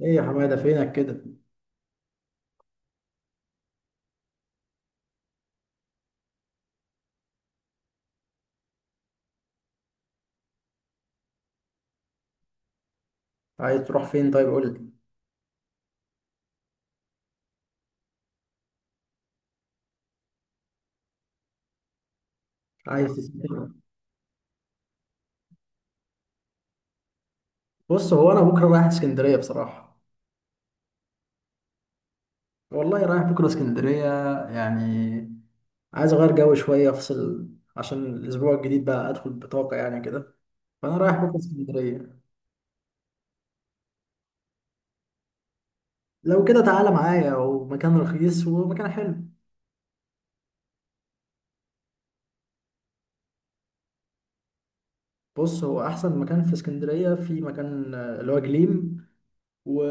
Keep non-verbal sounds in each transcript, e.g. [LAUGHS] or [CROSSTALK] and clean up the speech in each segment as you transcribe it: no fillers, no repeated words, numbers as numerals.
ايه يا حماده فينك كده؟ عايز تروح فين طيب قول لي. عايز تسافر؟ بص هو انا بكره رايح اسكندريه بصراحه. والله رايح بكره اسكندريه، يعني عايز اغير جو شويه افصل، عشان الاسبوع الجديد بقى ادخل بطاقه يعني كده، فانا رايح بكره اسكندريه. لو كده تعالى معايا ومكان رخيص ومكان حلو. بص هو احسن مكان في اسكندريه في مكان اللي هو جليم و...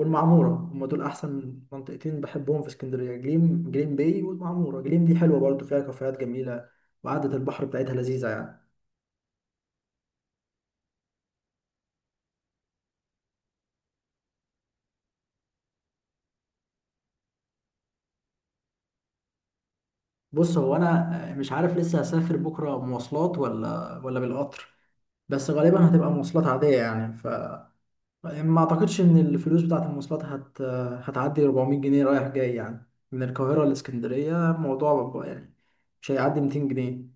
والمعمورة، هم دول أحسن منطقتين بحبهم في اسكندرية، جليم، جليم باي والمعمورة. جليم دي حلوة برضو، فيها كافيهات جميلة وقعدة البحر بتاعتها لذيذة يعني. بص هو أنا مش عارف لسه هسافر بكرة مواصلات ولا بالقطر، بس غالبا هتبقى مواصلات عادية يعني، ف ما أعتقدش إن الفلوس بتاعة المواصلات هتعدي 400 جنيه رايح جاي يعني، من القاهرة لإسكندرية الموضوع يعني مش هيعدي 200 جنيه.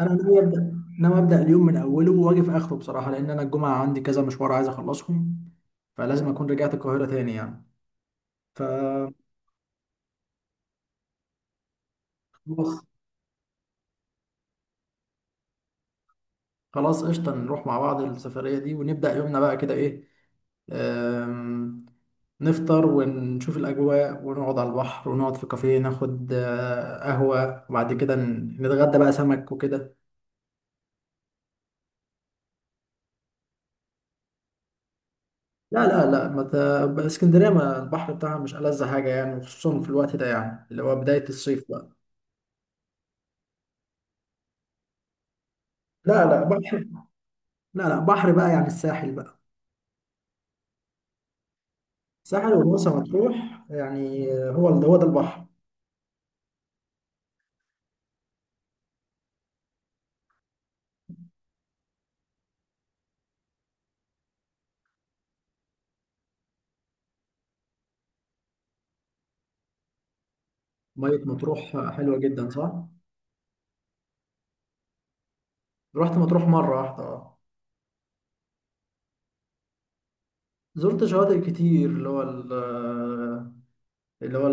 انا ناوي ابدا، ناوي ابدا اليوم من اوله واجي في اخره بصراحه، لان انا الجمعه عندي كذا مشوار عايز اخلصهم، فلازم اكون رجعت القاهره تاني يعني، ف خلاص، خلاص قشطه نروح مع بعض السفريه دي ونبدا يومنا بقى كده. ايه، أم، نفطر ونشوف الاجواء ونقعد على البحر، ونقعد في كافيه ناخد قهوه، وبعد كده نتغدى بقى سمك وكده. لا لا لا، ما ت... اسكندريه ما البحر بتاعها مش ألذ حاجه يعني، وخصوصا في الوقت ده يعني اللي هو بدايه الصيف بقى. لا لا، بحر. لا لا، بحر بقى يعني الساحل بقى. الساحل ومرسى مطروح يعني، هو هو ده البحر. مية مطروح حلوة جدا صح؟ رحت مطروح مرة واحدة اه. زرت شواطئ كتير، اللي هو اللي هو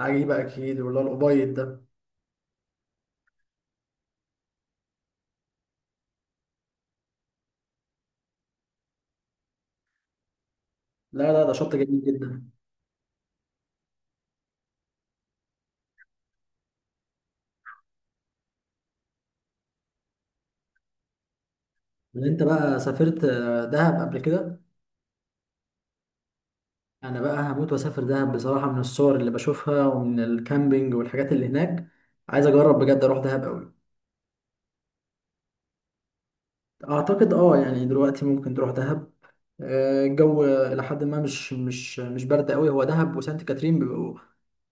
العجيبة أكيد، واللي هو الأبيض ده. لا لا، ده شط جميل جدا. اللي أنت بقى سافرت دهب قبل كده؟ أنا بقى هموت وأسافر دهب بصراحة، من الصور اللي بشوفها ومن الكامبينج والحاجات اللي هناك، عايز أجرب بجد أروح دهب أوي. اعتقد اه، يعني دلوقتي ممكن تروح دهب. الجو الى حد ما مش برد قوي، هو دهب وسانت كاترين بيبقوا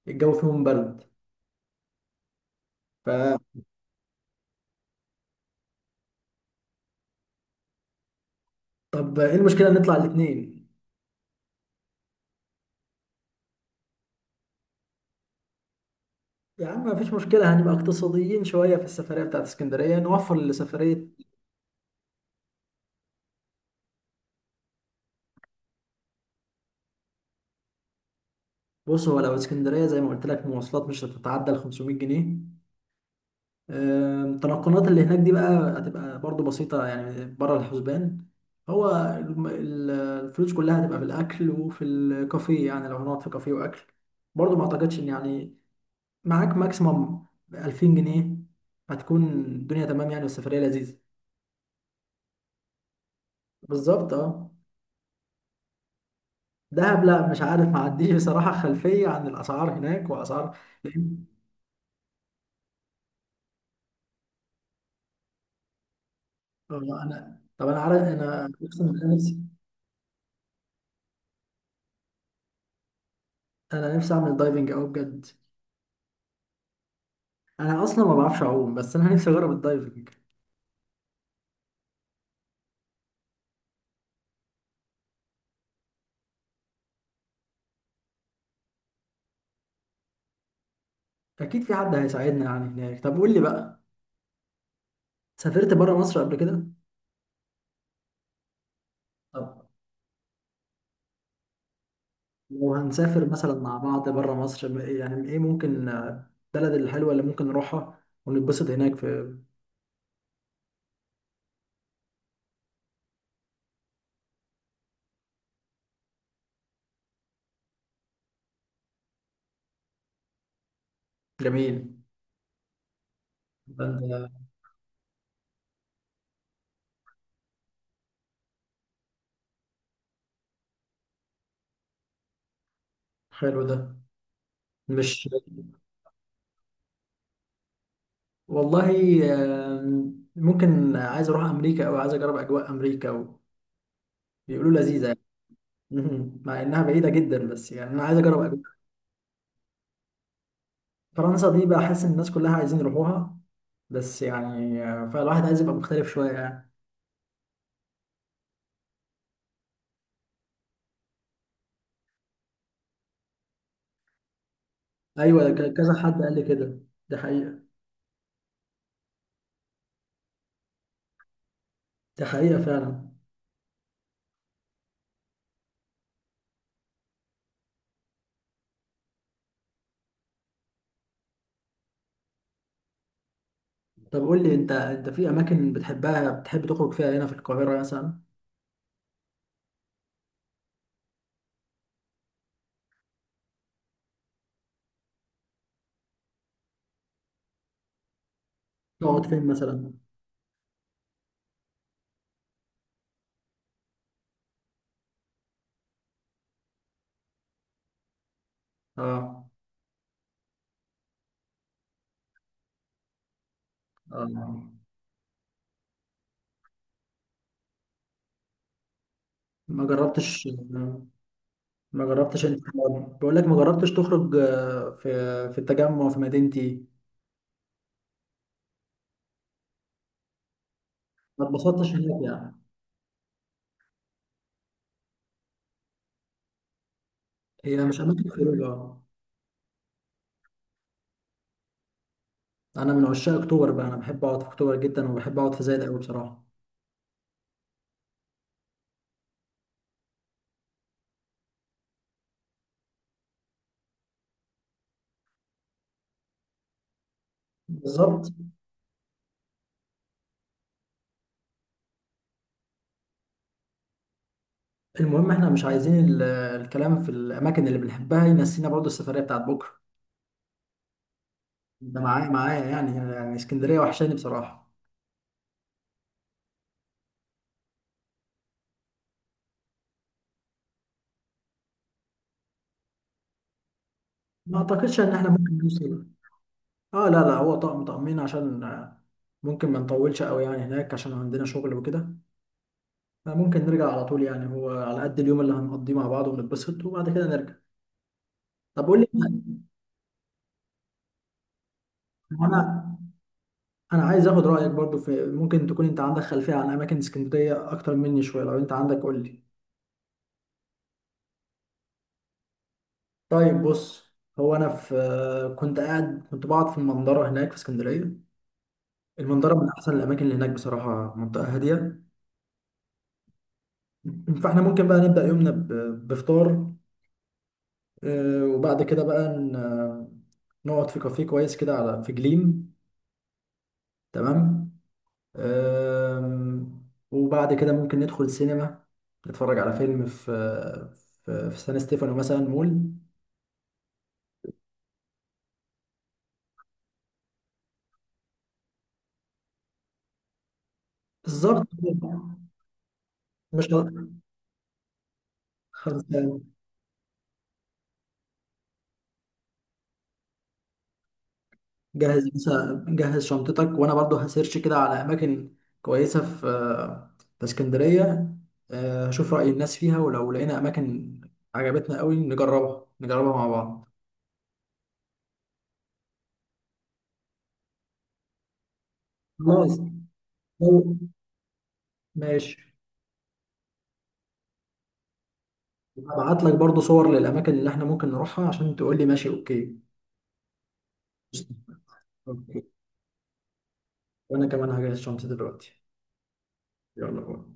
الجو فيهم برد، ف طب ايه المشكله نطلع الاثنين؟ يا عم مفيش مشكله، هنبقى اقتصاديين شويه في السفريه بتاعت اسكندريه نوفر لسفريه. بص هو لو اسكندريه زي ما قلت لك، مواصلات مش هتتعدى ال 500 جنيه. التنقلات اللي هناك دي بقى هتبقى برضو بسيطة يعني، بره الحسبان هو الفلوس كلها هتبقى في الأكل وفي الكافيه، يعني لو هنقعد في كافيه وأكل، برضو ما أعتقدش إن يعني معاك ماكسيموم 2000 جنيه هتكون الدنيا تمام يعني، والسفرية لذيذة. بالظبط اه. دهب لا مش عارف، ما عنديش بصراحة خلفية عن الأسعار هناك وأسعار. لأن- أنا، طب أنا عارف، أنا أقسم بالله نفسي، أنا نفسي أعمل دايفنج أوي بجد. انا اصلا ما بعرفش اعوم، بس انا نفسي اجرب الدايفنج. اكيد في حد هيساعدنا يعني هناك. طب قول لي بقى، سافرت بره مصر قبل كده؟ طب لو هنسافر مثلا مع بعض بره مصر، م- يعني ايه ممكن البلد الحلوه اللي ممكن نروحها ونتبسط هناك في. جميل. ده ده حلو ده، مش والله. ممكن، عايز اروح امريكا، او عايز اجرب اجواء امريكا، وبيقولوا لذيذه يعني. [LAUGHS] مهم. مع انها بعيده جدا بس يعني انا عايز اجرب أجواء. فرنسا دي بحس ان الناس كلها عايزين يروحوها، بس يعني فالواحد عايز يبقى مختلف شوية يعني. أيوة، ده كذا حد قال لي كده. ده حقيقة. ده حقيقة فعلا. طب قول لي أنت، أنت في أماكن بتحبها بتحب تخرج فيها هنا في القاهرة مثلا؟ تقعد فين مثلا؟ آه. آه. ما جربتش؟ ما جربتش أنت؟ بقول لك ما جربتش تخرج في في التجمع في مدينتي؟ ما اتبسطتش هناك يعني؟ هي مش أماكن خروج آه. أنا من عشاق أكتوبر بقى، أنا بحب أقعد في أكتوبر جدا، وبحب أقعد في زايد أوي بصراحة. بالظبط. المهم احنا مش عايزين الكلام في الاماكن اللي بنحبها ينسينا برضو السفريه بتاعت بكره. ده معايا معايا يعني، يعني اسكندريه وحشاني بصراحه. ما اعتقدش ان احنا ممكن نوصل. اه لا لا، هو طقم طقمين، عشان ممكن ما نطولش قوي يعني هناك، عشان عندنا شغل وكده، فممكن نرجع على طول يعني، هو على قد اليوم اللي هنقضيه مع بعض ونتبسط وبعد كده نرجع. طب قول لي، انا، انا عايز اخد رايك برضو في، ممكن تكون انت عندك خلفيه عن اماكن اسكندريه اكتر مني شويه، لو انت عندك قول لي. طيب بص، هو انا في كنت قاعد، كنت بقعد في المنظره هناك في اسكندريه. المنظره من احسن الاماكن اللي هناك بصراحه، منطقه هاديه، فاحنا ممكن بقى نبدا يومنا بفطار وبعد كده بقى نقعد في كافيه كويس كده على في جليم. تمام. آم، وبعد كده ممكن ندخل سينما، نتفرج على فيلم في سان ستيفانو مثلا مول. بالظبط. مش خلاص، جهز مثلا، جهز شنطتك، وانا برضو هسيرش كده على اماكن كويسه في في اسكندريه، هشوف راي الناس فيها، ولو لقينا اماكن عجبتنا قوي نجربها، نجربها مع بعض. خلاص. لو- ماشي، هبعت لك برضو صور للاماكن اللي احنا ممكن نروحها عشان تقول لي ماشي اوكي. قشطة. اوكي، وانا كمان هجهز شنطتي دلوقتي. يلا باي.